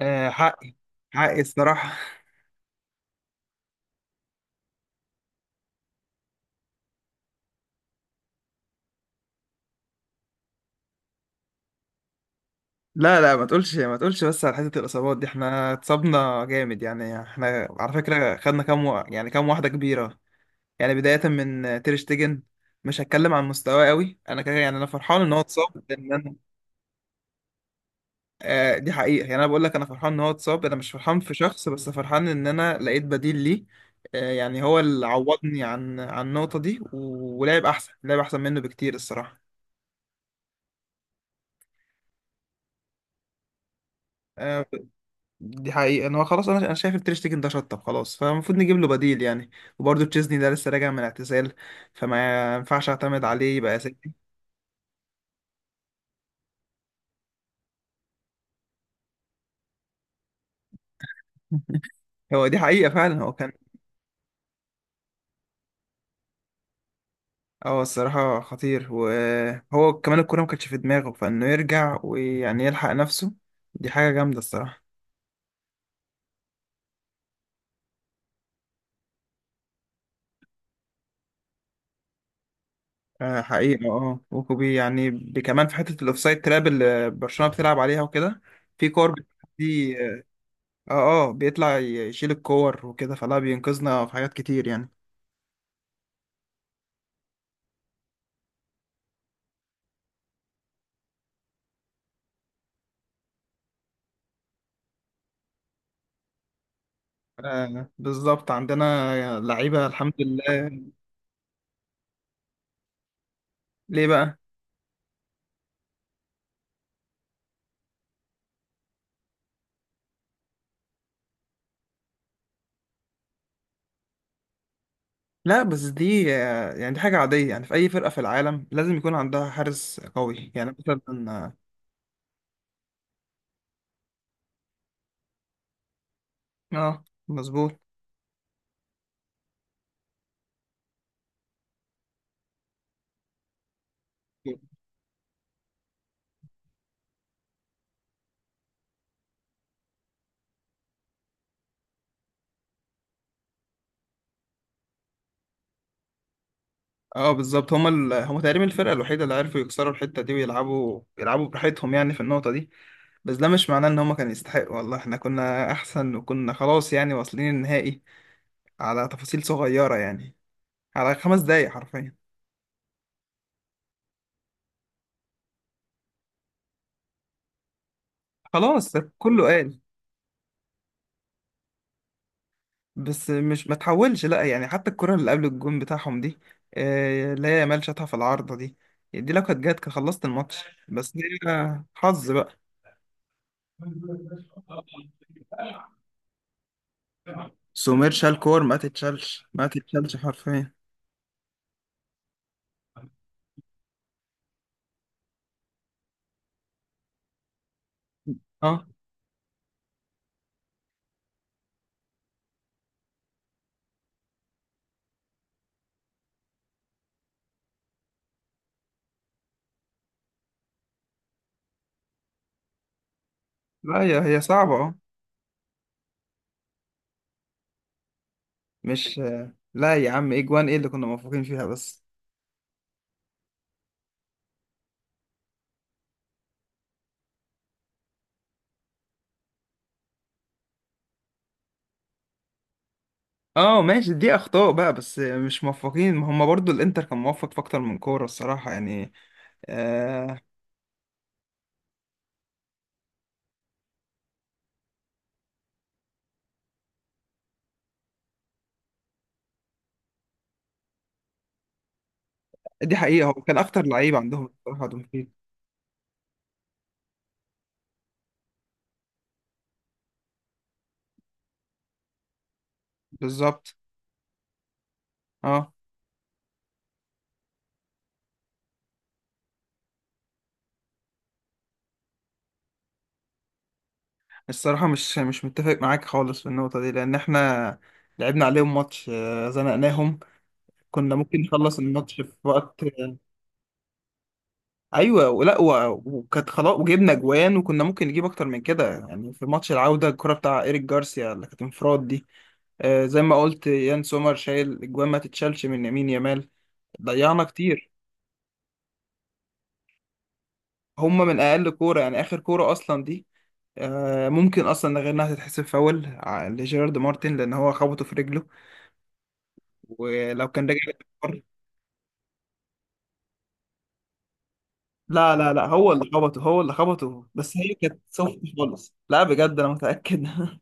آه حقي حقي الصراحة. لا لا ما تقولش ما تقولش بس على حتة الإصابات دي، احنا اتصابنا جامد يعني. احنا على فكرة خدنا يعني كام واحدة كبيرة. يعني بداية من تير شتيجن، مش هتكلم عن مستواه قوي انا كده. يعني انا فرحان ان هو اتصاب لان انا... آه دي حقيقة. يعني انا بقول لك، انا فرحان ان هو اتصاب. انا مش فرحان في شخص، بس فرحان ان انا لقيت بديل ليه. آه يعني هو اللي عوضني عن النقطة دي ولعب احسن، لعب احسن منه بكتير الصراحة. آه، دي حقيقة ان هو خلاص. انا شايف التير شتيجن ده شطب خلاص، فالمفروض نجيب له بديل يعني. وبرضه تشيزني ده لسه راجع من اعتزال، فما ينفعش اعتمد عليه يبقى اساسي. هو دي حقيقة فعلا، هو كان اه الصراحة خطير. وهو كمان الكورة ما كانتش في دماغه، فانه يرجع ويعني يلحق نفسه دي حاجة جامدة الصراحة. آه حقيقة اه. وكوبي يعني كمان في حتة الاوفسايد تراب اللي برشلونة بتلعب عليها وكده. في كور دي. اه، اه بيطلع يشيل الكور وكده، فلا بينقذنا في حاجات كتير يعني. آه بالظبط عندنا لعيبة الحمد لله. ليه بقى؟ لا بس دي آه، يعني دي حاجة عادية يعني. في أي فرقة في العالم لازم يكون عندها حارس قوي يعني، مثلا. اه، آه، مظبوط. اه بالظبط، هما هما تقريبا الفرقة الوحيدة اللي عرفوا يكسروا الحتة دي، ويلعبوا يلعبوا براحتهم يعني في النقطة دي. بس ده مش معناه ان هما كانوا يستحقوا، والله احنا كنا احسن وكنا خلاص يعني واصلين النهائي على تفاصيل صغيرة يعني، على خمس دقايق حرفيا. خلاص كله قال. بس مش ما تحولش لا يعني، حتى الكرة اللي قبل الجون بتاعهم دي، آه، اللي هي يامال شاطها في العارضة دي، دي لو كانت جت كان خلصت الماتش. بس دي آه، حظ بقى. سومير شال كور ما تتشالش ما تتشالش حرفيا. اه. لا هي هي صعبة اه. مش آه، لا يا عم، ايه جوان ايه اللي كنا موفقين فيها بس؟ اه ماشي، دي اخطاء بقى. بس آه، مش موفقين. ما هم برضو الانتر كان موفق في اكتر من كورة الصراحة يعني. آه. دي حقيقة هو كان اكتر لعيب عندهم الصراحة. بالظبط اه. الصراحة مش متفق معاك خالص في النقطة دي لأن احنا لعبنا عليهم ماتش آه، زنقناهم. كنا ممكن نخلص الماتش في وقت آه... أيوة ولا وكانت خلاص وجبنا جوان، وكنا ممكن نجيب أكتر من كده يعني. في ماتش العودة الكرة بتاع إيريك جارسيا اللي كانت انفراد دي، آه، زي ما قلت يان سومر شايل الجوان ما تتشالش من يمين يامال. ضيعنا كتير. هما من أقل كورة يعني، آخر كورة أصلا دي، آه، ممكن اصلا غير انها تتحسب فاول لجيرارد مارتن لان هو خبطه في رجله. ولو كان رجع لا لا لا هو اللي خبطه، هو اللي خبطه، بس هي كانت سوفت خالص. لا بجد انا متاكد.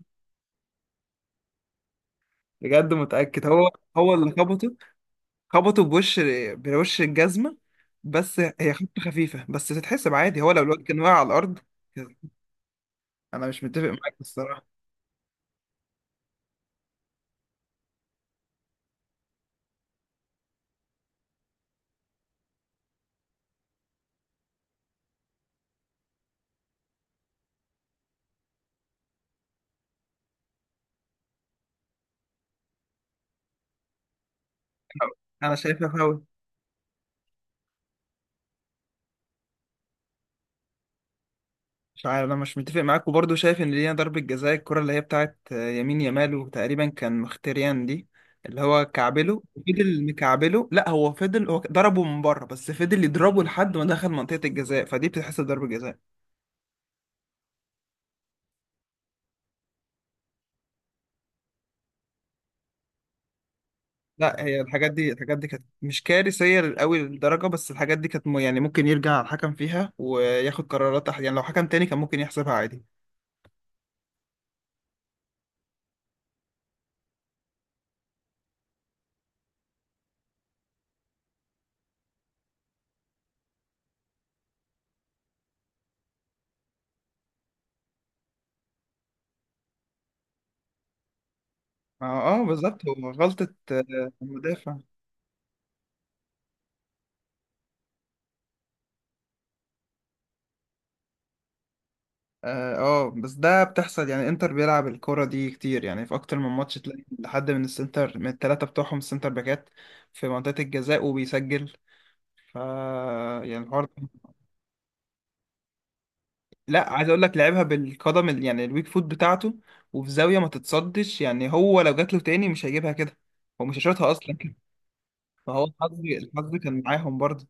بجد متاكد. هو هو اللي خبطه، خبطه بوش، بوش الجزمه. بس هي خبطه خفيفه بس تتحسب عادي، هو لو الواد كان واقع على الارض. انا مش متفق معاك الصراحه. انا أنا شايفها فاول. مش عارف، انا مش متفق معاك وبرضه شايف ان لينا ضربة جزاء، الكرة اللي هي بتاعت آه، يمين يامال وتقريبا كان مختريان دي، اللي هو كعبله فضل مكعبله. لا هو فضل، هو ضربه من بره بس فضل يضربه لحد ما دخل منطقة الجزاء، فدي بتتحسب ضربة جزاء. لا هي الحاجات دي، الحاجات دي كانت مش كارثية قوي للدرجة، بس الحاجات دي كانت يعني ممكن يرجع الحكم فيها وياخد قرارات يعني لو حكم تاني كان ممكن يحسبها عادي. اه آه، بالظبط هو غلطة آه، المدافع. اه آه، بس ده بتحصل يعني. انتر بيلعب الكرة دي كتير يعني، في اكتر من ماتش تلاقي حد من السنتر من الثلاثة بتوعهم السنتر باكات في منطقة الجزاء وبيسجل. ف يعني الحوار لا عايز اقول لك لعبها بالقدم يعني الويك فوت بتاعته. وفي زاوية ما تتصدش يعني، هو لو جات له تاني مش هيجيبها كده، هو مش هيشوطها اصلا. فهو الحظ، الحظ كان معاهم برضه.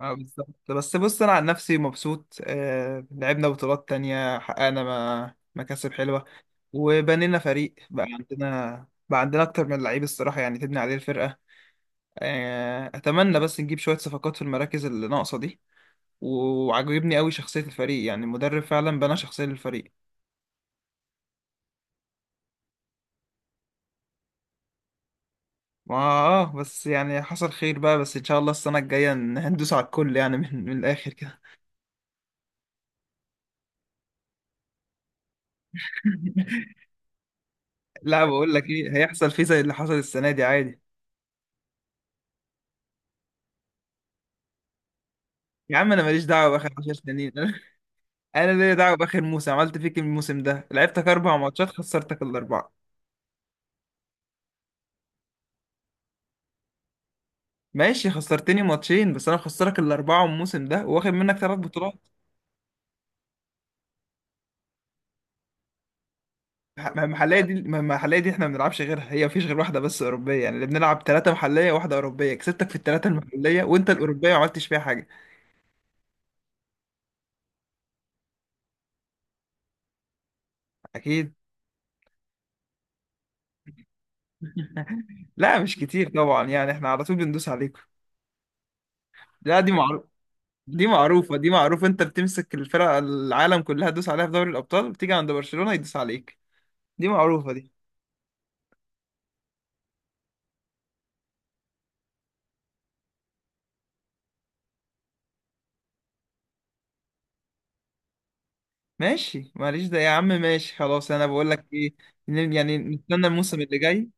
اه بالظبط. بس بص انا عن نفسي مبسوط. آه لعبنا بطولات تانية، حققنا مكاسب حلوة. وبنينا فريق، بقى عندنا اكتر من لعيب الصراحة يعني تبني عليه الفرقة. آه اتمنى بس نجيب شوية صفقات في المراكز اللي ناقصة دي. وعجبني قوي شخصية الفريق، يعني المدرب فعلا بنى شخصية للفريق. ما اه بس يعني حصل خير بقى. بس ان شاء الله السنة الجاية ندوس على الكل، يعني من الاخر كده. لا بقول لك ايه، هيحصل فيه زي اللي حصل السنة دي عادي. يا عم، انا ماليش دعوه باخر 10 سنين. انا ليا دعوه باخر موسم. عملت فيك إيه الموسم ده؟ لعبتك اربع ماتشات خسرتك الاربعه. ماشي، خسرتني ماتشين بس انا مخسرك الاربعه الموسم ده، واخد منك ثلاث بطولات. المحليه دي، المحليه دي احنا ما بنلعبش غيرها، هي مفيش غير واحده بس اوروبيه يعني. اللي بنلعب ثلاثه محليه وواحده اوروبيه، كسبتك في الثلاثه المحليه وانت الاوروبيه ما عملتش فيها حاجه. اكيد. لا مش كتير طبعا، يعني احنا على طول بندوس عليكم. لا دي معروف، دي معروفة، دي معروفة. انت بتمسك الفرق العالم كلها تدوس عليها في دوري الأبطال، بتيجي عند برشلونة يدوس عليك. دي معروفة دي. ماشي معلش ده يا عم، ماشي خلاص انا بقول لك ايه، يعني نستنى الموسم اللي جاي.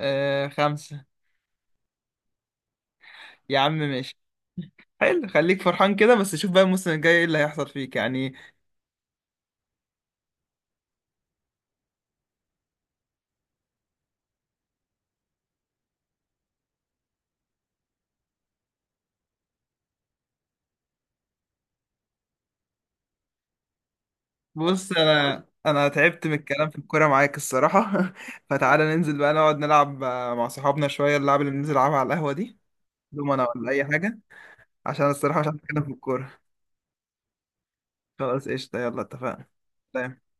آه خمسة. يا عم ماشي. حلو خليك فرحان كده، بس شوف بقى الموسم الجاي ايه اللي هيحصل فيك يعني. بص انا تعبت من الكلام في الكورة معاك الصراحة. فتعالى ننزل بقى نقعد نلعب آه، مع صحابنا شوية اللعب اللي بننزل نلعبها على القهوة دي. دومنا ولا اي حاجة، عشان الصراحة مش عارف اتكلم في الكورة. خلاص قشطة، يلا اتفقنا. سلام.